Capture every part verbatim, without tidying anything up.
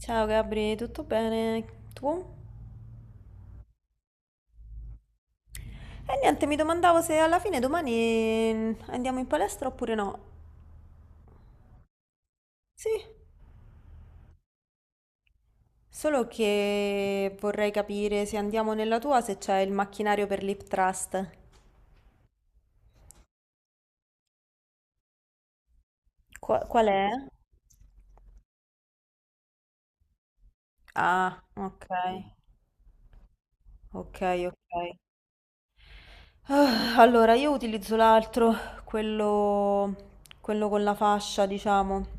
Ciao Gabri, tutto bene? Tu? E niente, mi domandavo se alla fine domani andiamo in palestra oppure no. Sì, solo che vorrei capire se andiamo nella tua, se c'è il macchinario per l'hip thrust. Qua- qual è? Ah, ok. Ok, ok. Ah, allora, io utilizzo l'altro, quello, quello con la fascia, diciamo.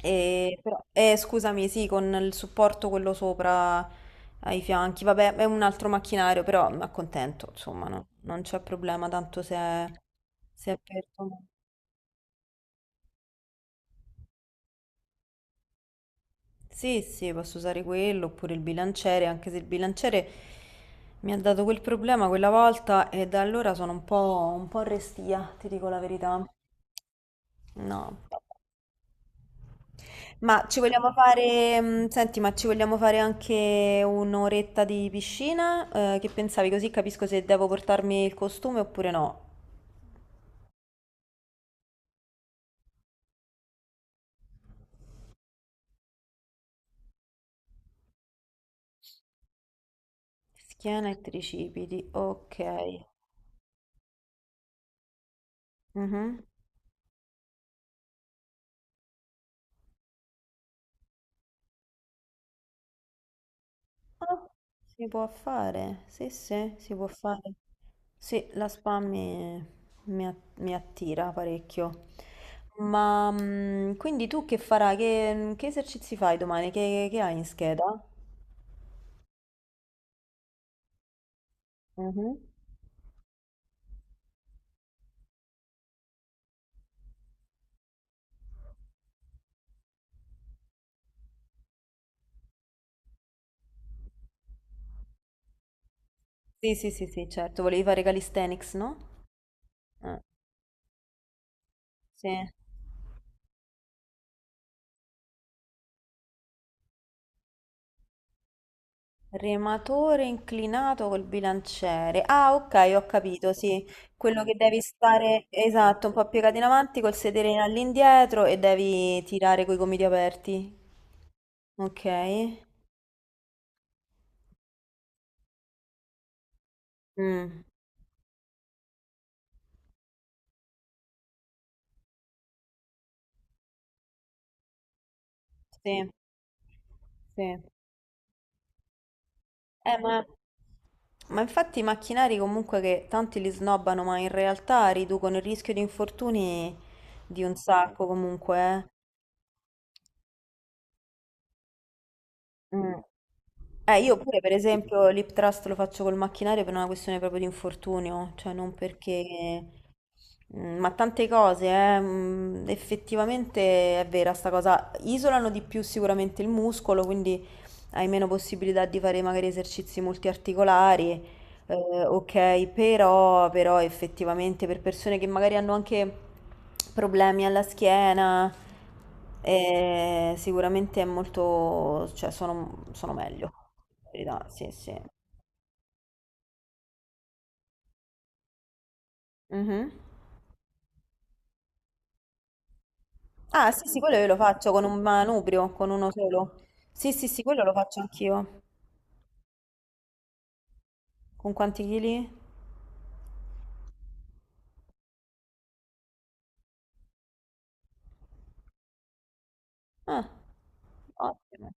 E, però- eh, scusami, sì, con il supporto quello sopra ai fianchi. Vabbè, è un altro macchinario, però mi accontento, insomma, no? Non c'è problema, tanto se è, se è per... Sì, sì, posso usare quello, oppure il bilanciere, anche se il bilanciere mi ha dato quel problema quella volta e da allora sono un po', un po' restia, ti dico la verità. No. Ma ci vogliamo fare, mm, senti, ma ci vogliamo fare anche un'oretta di piscina? Eh, che pensavi? Così capisco se devo portarmi il costume oppure no. Schiena e tricipiti, ok. Mhm. Ah, si può fare, sì, sì, si può fare. Sì, la spa mi, mi a- mi attira parecchio. Ma mm, quindi tu che farai? Che, che esercizi fai domani? Che, che hai in scheda? Mhm. Sì, sì, sì, sì, certo, voleva Regalistenics, no? Eh, sì. Rematore inclinato col bilanciere. Ah, ok, ho capito, sì. Quello che devi stare, esatto, un po' piegato in avanti col sedere in- all'indietro e devi tirare coi gomiti aperti. Ok. Mm, sì. Sì. Eh, ma, ma infatti i macchinari comunque che tanti li snobbano, ma in realtà riducono il rischio di infortuni di un sacco comunque, eh. Mm. Eh, io pure per esempio l'hip trust lo faccio col macchinario per una questione proprio di infortunio, cioè non perché... Mm, ma tante cose, eh, mm, effettivamente è vera sta cosa. Isolano di più sicuramente il muscolo, quindi hai meno possibilità di fare magari esercizi multiarticolari eh, ok, però, però effettivamente per persone che magari hanno anche problemi alla schiena, eh, sicuramente è molto, cioè sono, sono meglio. In verità, sì, sì. Mhm. Ah, sì, sì, quello io lo faccio con un manubrio, con uno solo. Sì, sì, sì, quello lo faccio anch'io. Con quanti chili? Ah, ottimo.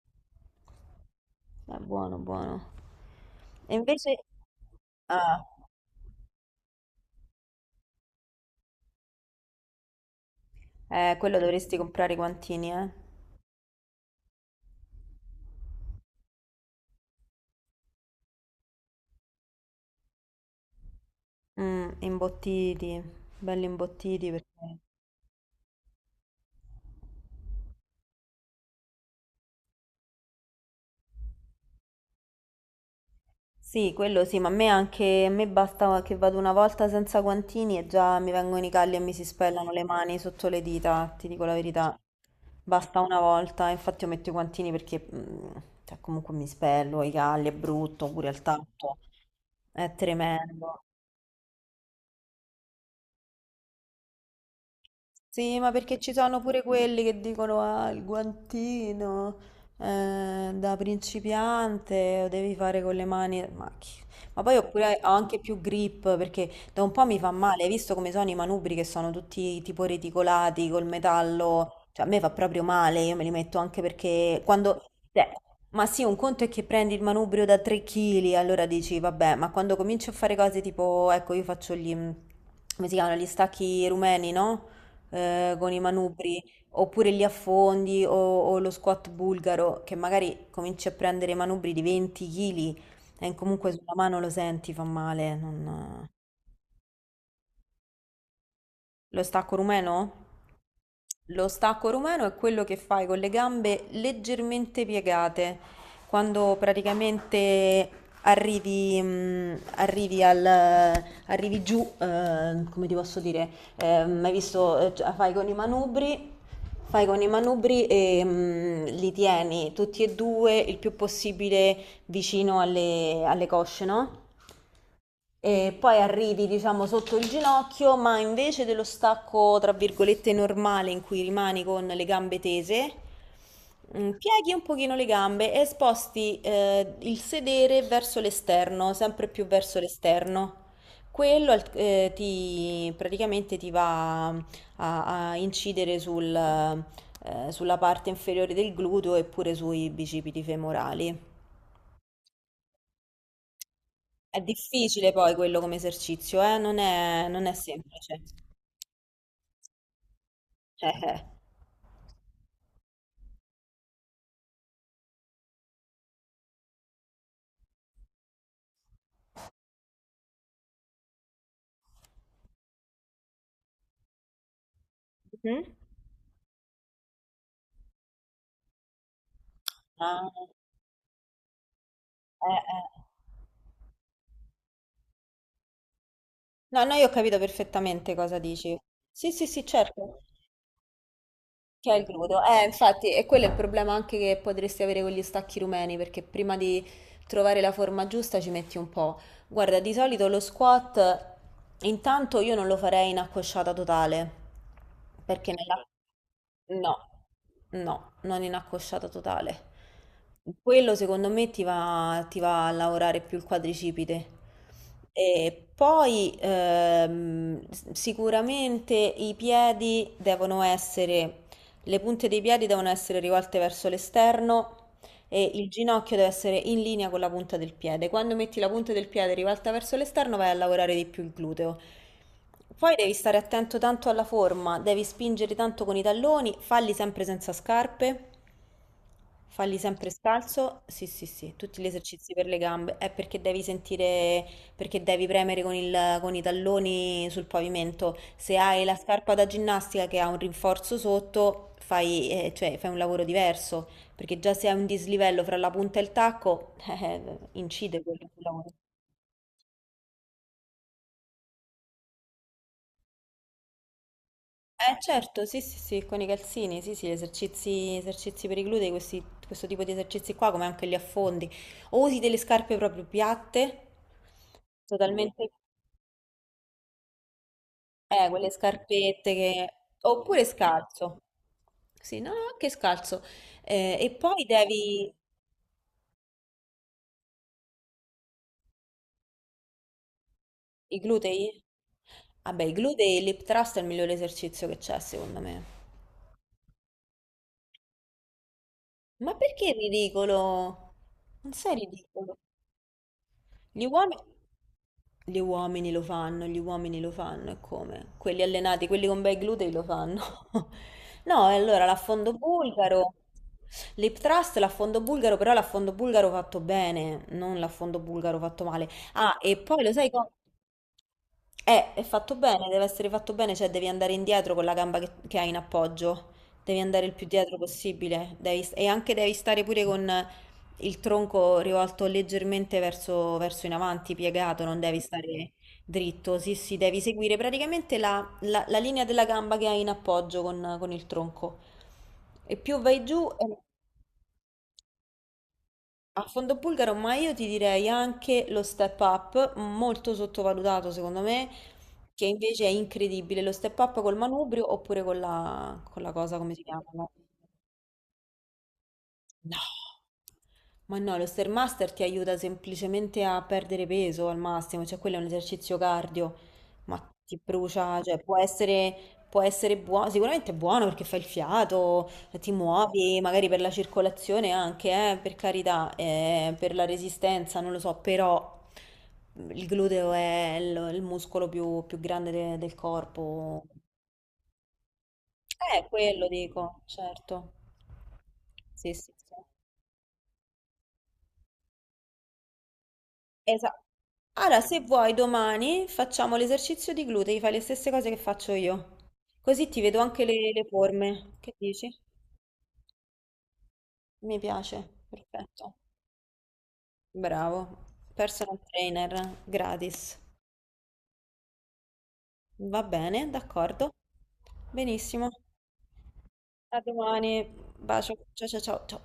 È buono, buono. E invece... Ah, eh, quello dovresti comprare i guantini, eh. Mm, imbottiti, belli imbottiti perché... Sì, quello sì, ma a me anche, a me basta che vado una volta senza guantini e già mi vengono i calli e mi si spellano le mani sotto le dita, ti dico la verità. Basta una volta, infatti io metto i guantini perché mm, cioè, comunque mi spello, i calli è brutto, pure al tatto, è tremendo. Sì, ma perché ci sono pure quelli che dicono ah, il guantino eh, da principiante lo devi fare con le mani. Ma, chi- ma poi oppure ho anche più grip perché da un po' mi fa male. Hai visto come sono i manubri che sono tutti tipo reticolati col metallo? Cioè, a me fa proprio male. Io me li metto anche perché quando. Cioè, ma sì, un conto è che prendi il manubrio da tre chili, allora dici vabbè, ma quando cominci a fare cose tipo, ecco, io faccio gli, come si chiamano, gli stacchi rumeni, no? Eh, con i manubri, oppure li affondi o, o lo squat bulgaro, che magari cominci a prendere manubri di venti chili e comunque sulla mano lo senti, fa male. non- Lo stacco rumeno? Lo stacco rumeno è quello che fai con le gambe leggermente piegate, quando praticamente arrivi, mm, arrivi al- arrivi giù, eh, come ti posso dire, eh, hai visto, eh, cioè, fai con i manubri, fai con i manubri e mm, li tieni tutti e due il più possibile vicino alle, alle cosce, no? E poi arrivi, diciamo, sotto il ginocchio, ma invece dello stacco, tra virgolette, normale in cui rimani con le gambe tese, mm, pieghi un pochino le gambe e sposti eh, il sedere verso l'esterno, sempre più verso l'esterno. Quello al- eh, ti, praticamente ti va a, a incidere sul, eh, sulla parte inferiore del gluteo e pure sui bicipiti femorali. È difficile poi quello come esercizio, eh? Non è, non è semplice. Eh, eh. Mhm. Ah, eh, eh. No, no, io ho capito perfettamente cosa dici. Sì, sì, sì, certo. Che è il gluteo. Eh, infatti, e quello è il problema anche che potresti avere con gli stacchi rumeni, perché prima di trovare la forma giusta ci metti un po'. Guarda, di solito lo squat, intanto io non lo farei in accosciata totale, perché nella... No, no, non in accosciata totale. Quello secondo me ti va, ti va a lavorare più il quadricipite. E poi ehm, s- sicuramente i piedi devono essere le punte dei piedi devono essere rivolte verso l'esterno e il ginocchio deve essere in linea con la punta del piede. Quando metti la punta del piede rivolta verso l'esterno vai a lavorare di più il gluteo. Poi devi stare attento tanto alla forma, devi spingere tanto con i talloni, falli sempre senza scarpe, falli sempre scalzo. Sì, sì, sì, tutti gli esercizi per le gambe. È perché devi sentire perché devi premere con il- con i talloni sul pavimento. Se hai la scarpa da ginnastica che ha un rinforzo sotto, fai, eh, cioè, fai un lavoro diverso, perché già se hai un dislivello fra la punta e il tacco, eh, incide quello sul lavoro. Eh certo, sì, sì, sì, con i calzini, sì, sì, esercizi, esercizi per i glutei, questi- questo tipo di esercizi qua, come anche gli affondi. O usi delle scarpe proprio piatte, totalmente eh, quelle scarpette che... oppure scalzo. Sì, no, no, anche scalzo. Eh, e poi devi... I glutei? Vabbè, i glutei e il lip thrust è il migliore esercizio che c'è, secondo me. Ma perché è ridicolo? Non sei ridicolo. Gli uomini... Gli uomini lo fanno, gli uomini lo fanno, e come? Quelli allenati, quelli con bei glutei lo fanno. No, e allora l'affondo bulgaro, l'hip thrust, l'affondo bulgaro, però l'affondo bulgaro fatto bene, non l'affondo bulgaro fatto male. Ah, e poi lo sai co- eh, è fatto bene, deve essere fatto bene, cioè devi andare indietro con la gamba che, che hai in appoggio, devi andare il più dietro possibile, devi- e anche devi stare pure con il tronco rivolto leggermente verso, verso in avanti, piegato, non devi stare dritto. Sì, sì, devi seguire praticamente la, la- la linea della gamba che hai in appoggio con, con il tronco. E più vai giù eh, a fondo bulgaro, ma io ti direi anche lo step up, molto sottovalutato secondo me, che invece è incredibile. Lo step up col manubrio oppure con la, con la cosa, come si chiama? No. Ma no, lo Stairmaster ti aiuta semplicemente a perdere peso al massimo, cioè quello è un esercizio cardio, ma ti brucia, cioè può essere, può essere buono, sicuramente è buono perché fai il fiato, ti muovi, magari per la circolazione anche, eh, per carità, eh, per la resistenza, non lo so, però il gluteo è il, il muscolo più, più grande de- del corpo. Eh, quello dico, certo. Sì, sì, sì. Esatto. Allora, se vuoi, domani facciamo l'esercizio di glutei, fai le stesse cose che faccio io. Così ti vedo anche le, le forme. Che dici? Mi piace, perfetto. Bravo. Personal trainer gratis. Va bene, d'accordo. Benissimo. A domani. Bacio. Ciao ciao ciao ciao.